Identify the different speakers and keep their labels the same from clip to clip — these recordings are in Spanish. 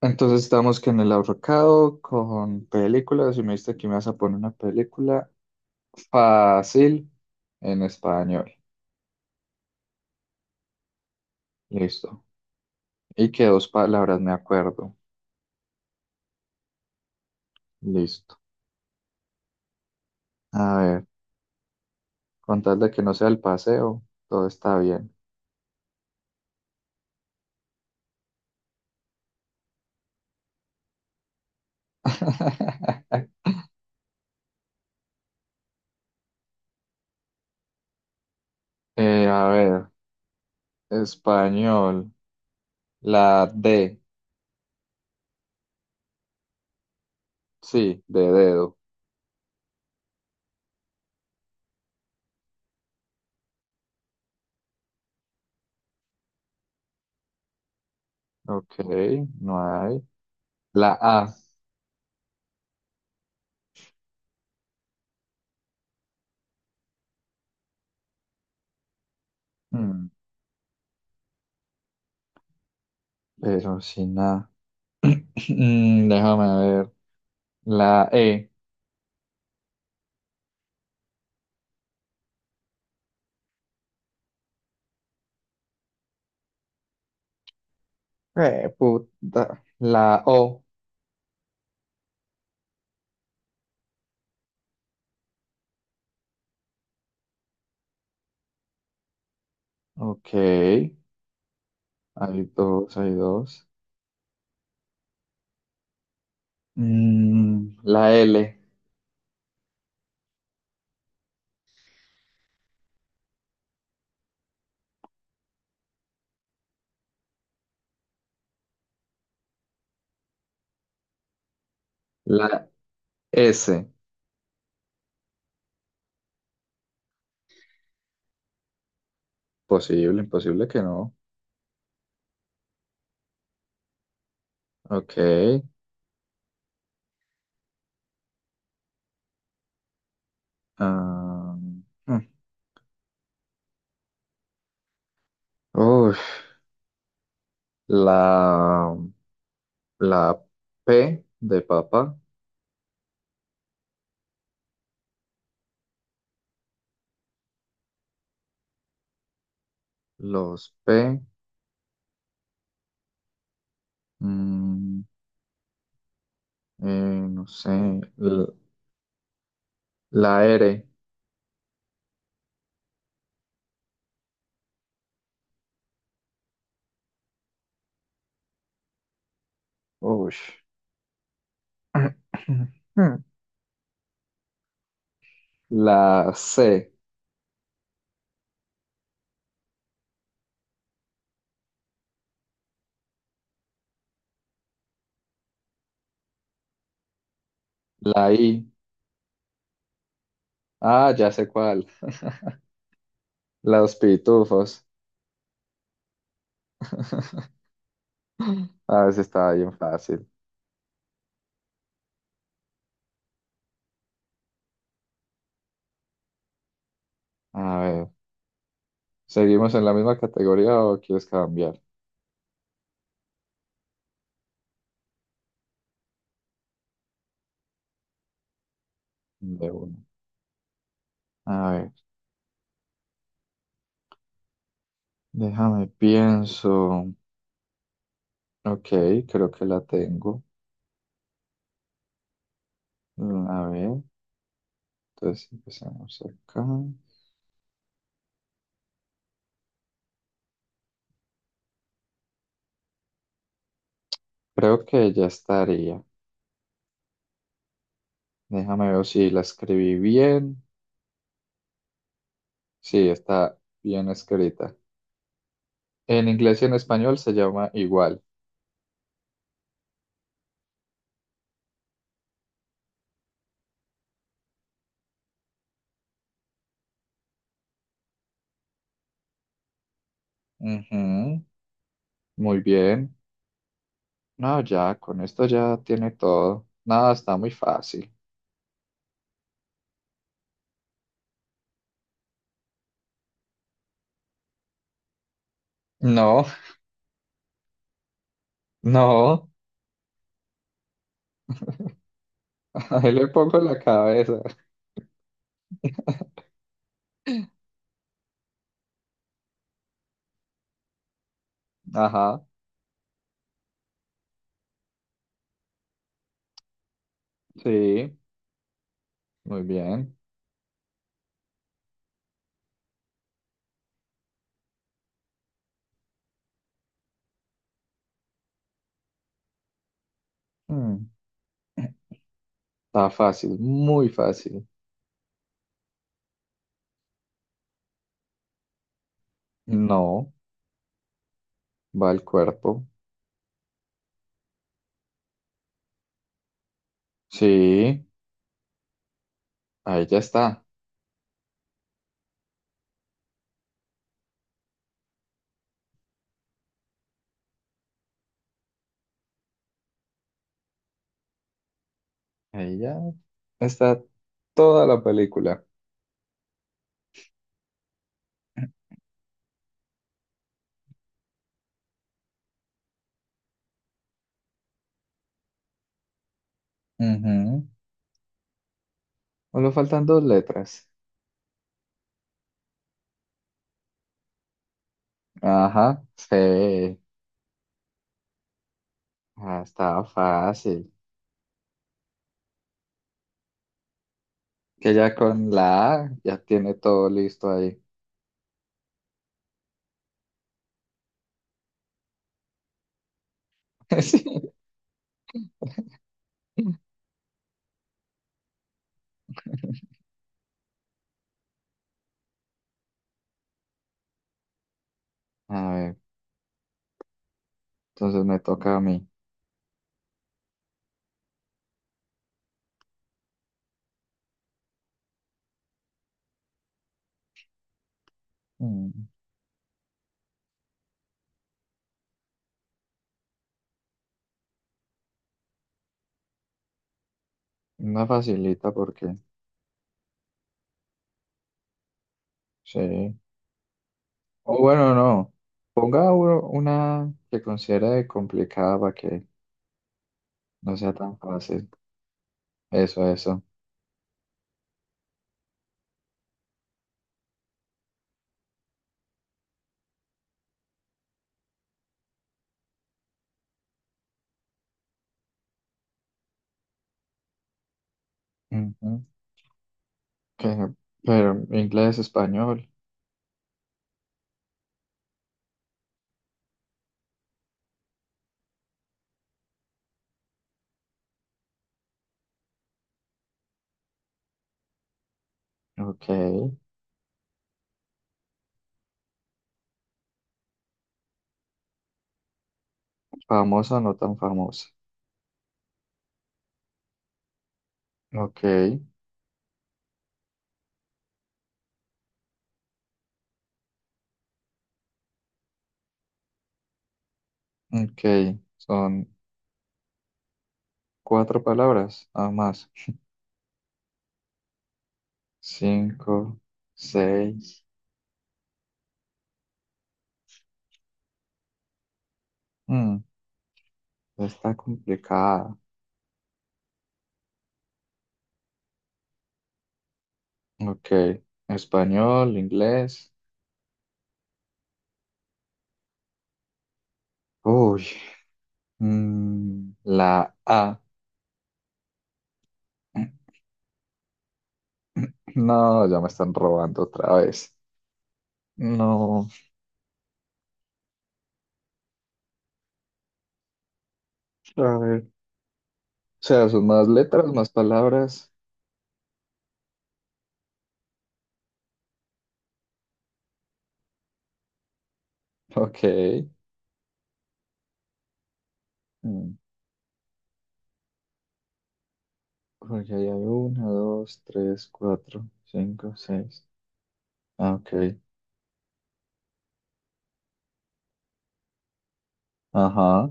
Speaker 1: Entonces estamos que en el ahorcado con películas y me dijiste que me vas a poner una película fácil en español. Listo. Y que dos palabras me acuerdo. Listo. A ver, con tal de que no sea el paseo, todo está bien. A ver, español. La D. Sí, de dedo. Ok, no hay. La A. Mm, pero sin A. Déjame ver. La E. Puta. La O. Ok. Hay dos, hay dos. La L. La S. Posible, imposible que no. Ok. ah, mm. Uf. la, la P de papa. Los P. mm, no sé. l- La R. Ush. La C. La I. Ah, ya sé cuál. Los pitufos. A ver si está bien fácil. A ver, ¿seguimos en la misma categoría o quieres cambiar de uno? A ver, déjame pienso. Ok, creo que la tengo. A ver, entonces empezamos acá. Creo que ya estaría. Déjame ver si la escribí bien. Sí, está bien escrita. En inglés y en español se llama igual. Ujú, muy bien. No, ya, con esto ya tiene todo. Nada, está muy fácil. No, no. Ahí le pongo la cabeza. Ajá, sí, muy bien. Mm, Está fácil, muy fácil. No, va el cuerpo. Sí, ahí ya está. Ahí ya está toda la película. Ujú. Solo faltan dos letras. Ajá, sí, ah, estaba fácil. Que ya con la A ya tiene todo listo ahí. Sí. A ver, entonces me toca a mí. Mm, Una facilita porque, sí. O bueno, no. Ponga una que considere complicada para que no sea tan fácil. Eso, eso. Ujú. Que- pero inglés, español. Ok. Famosa, no tan famosa. Ok. Ok. Son cuatro palabras, nada más. Cinco, seis. Mm, Está complicada. Ok. Español, inglés. Uy. La A. No, ya me están robando otra vez. No. A ver. O sea, son más letras, más palabras. Ok. Mm, Porque ahí hay una, dos, tres, cuatro, cinco, seis. Ah, ok. Ajá.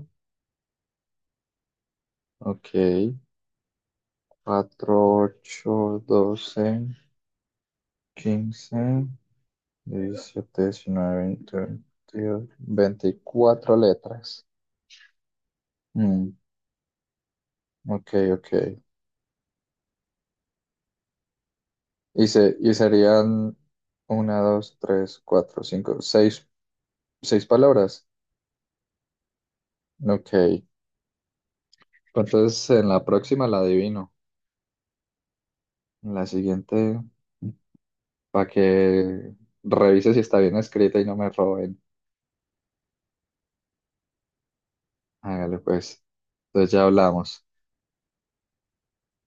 Speaker 1: Ok. Cuatro, ocho, 12, 15. 17 19 20 22 24 letras. Mm, ok, ok. Y serían una, dos, tres, cuatro, cinco, seis, seis palabras. Ok. Entonces en la próxima la adivino. En la siguiente, para que revise si está bien escrita y no me roben. Hágale pues. Entonces ya hablamos.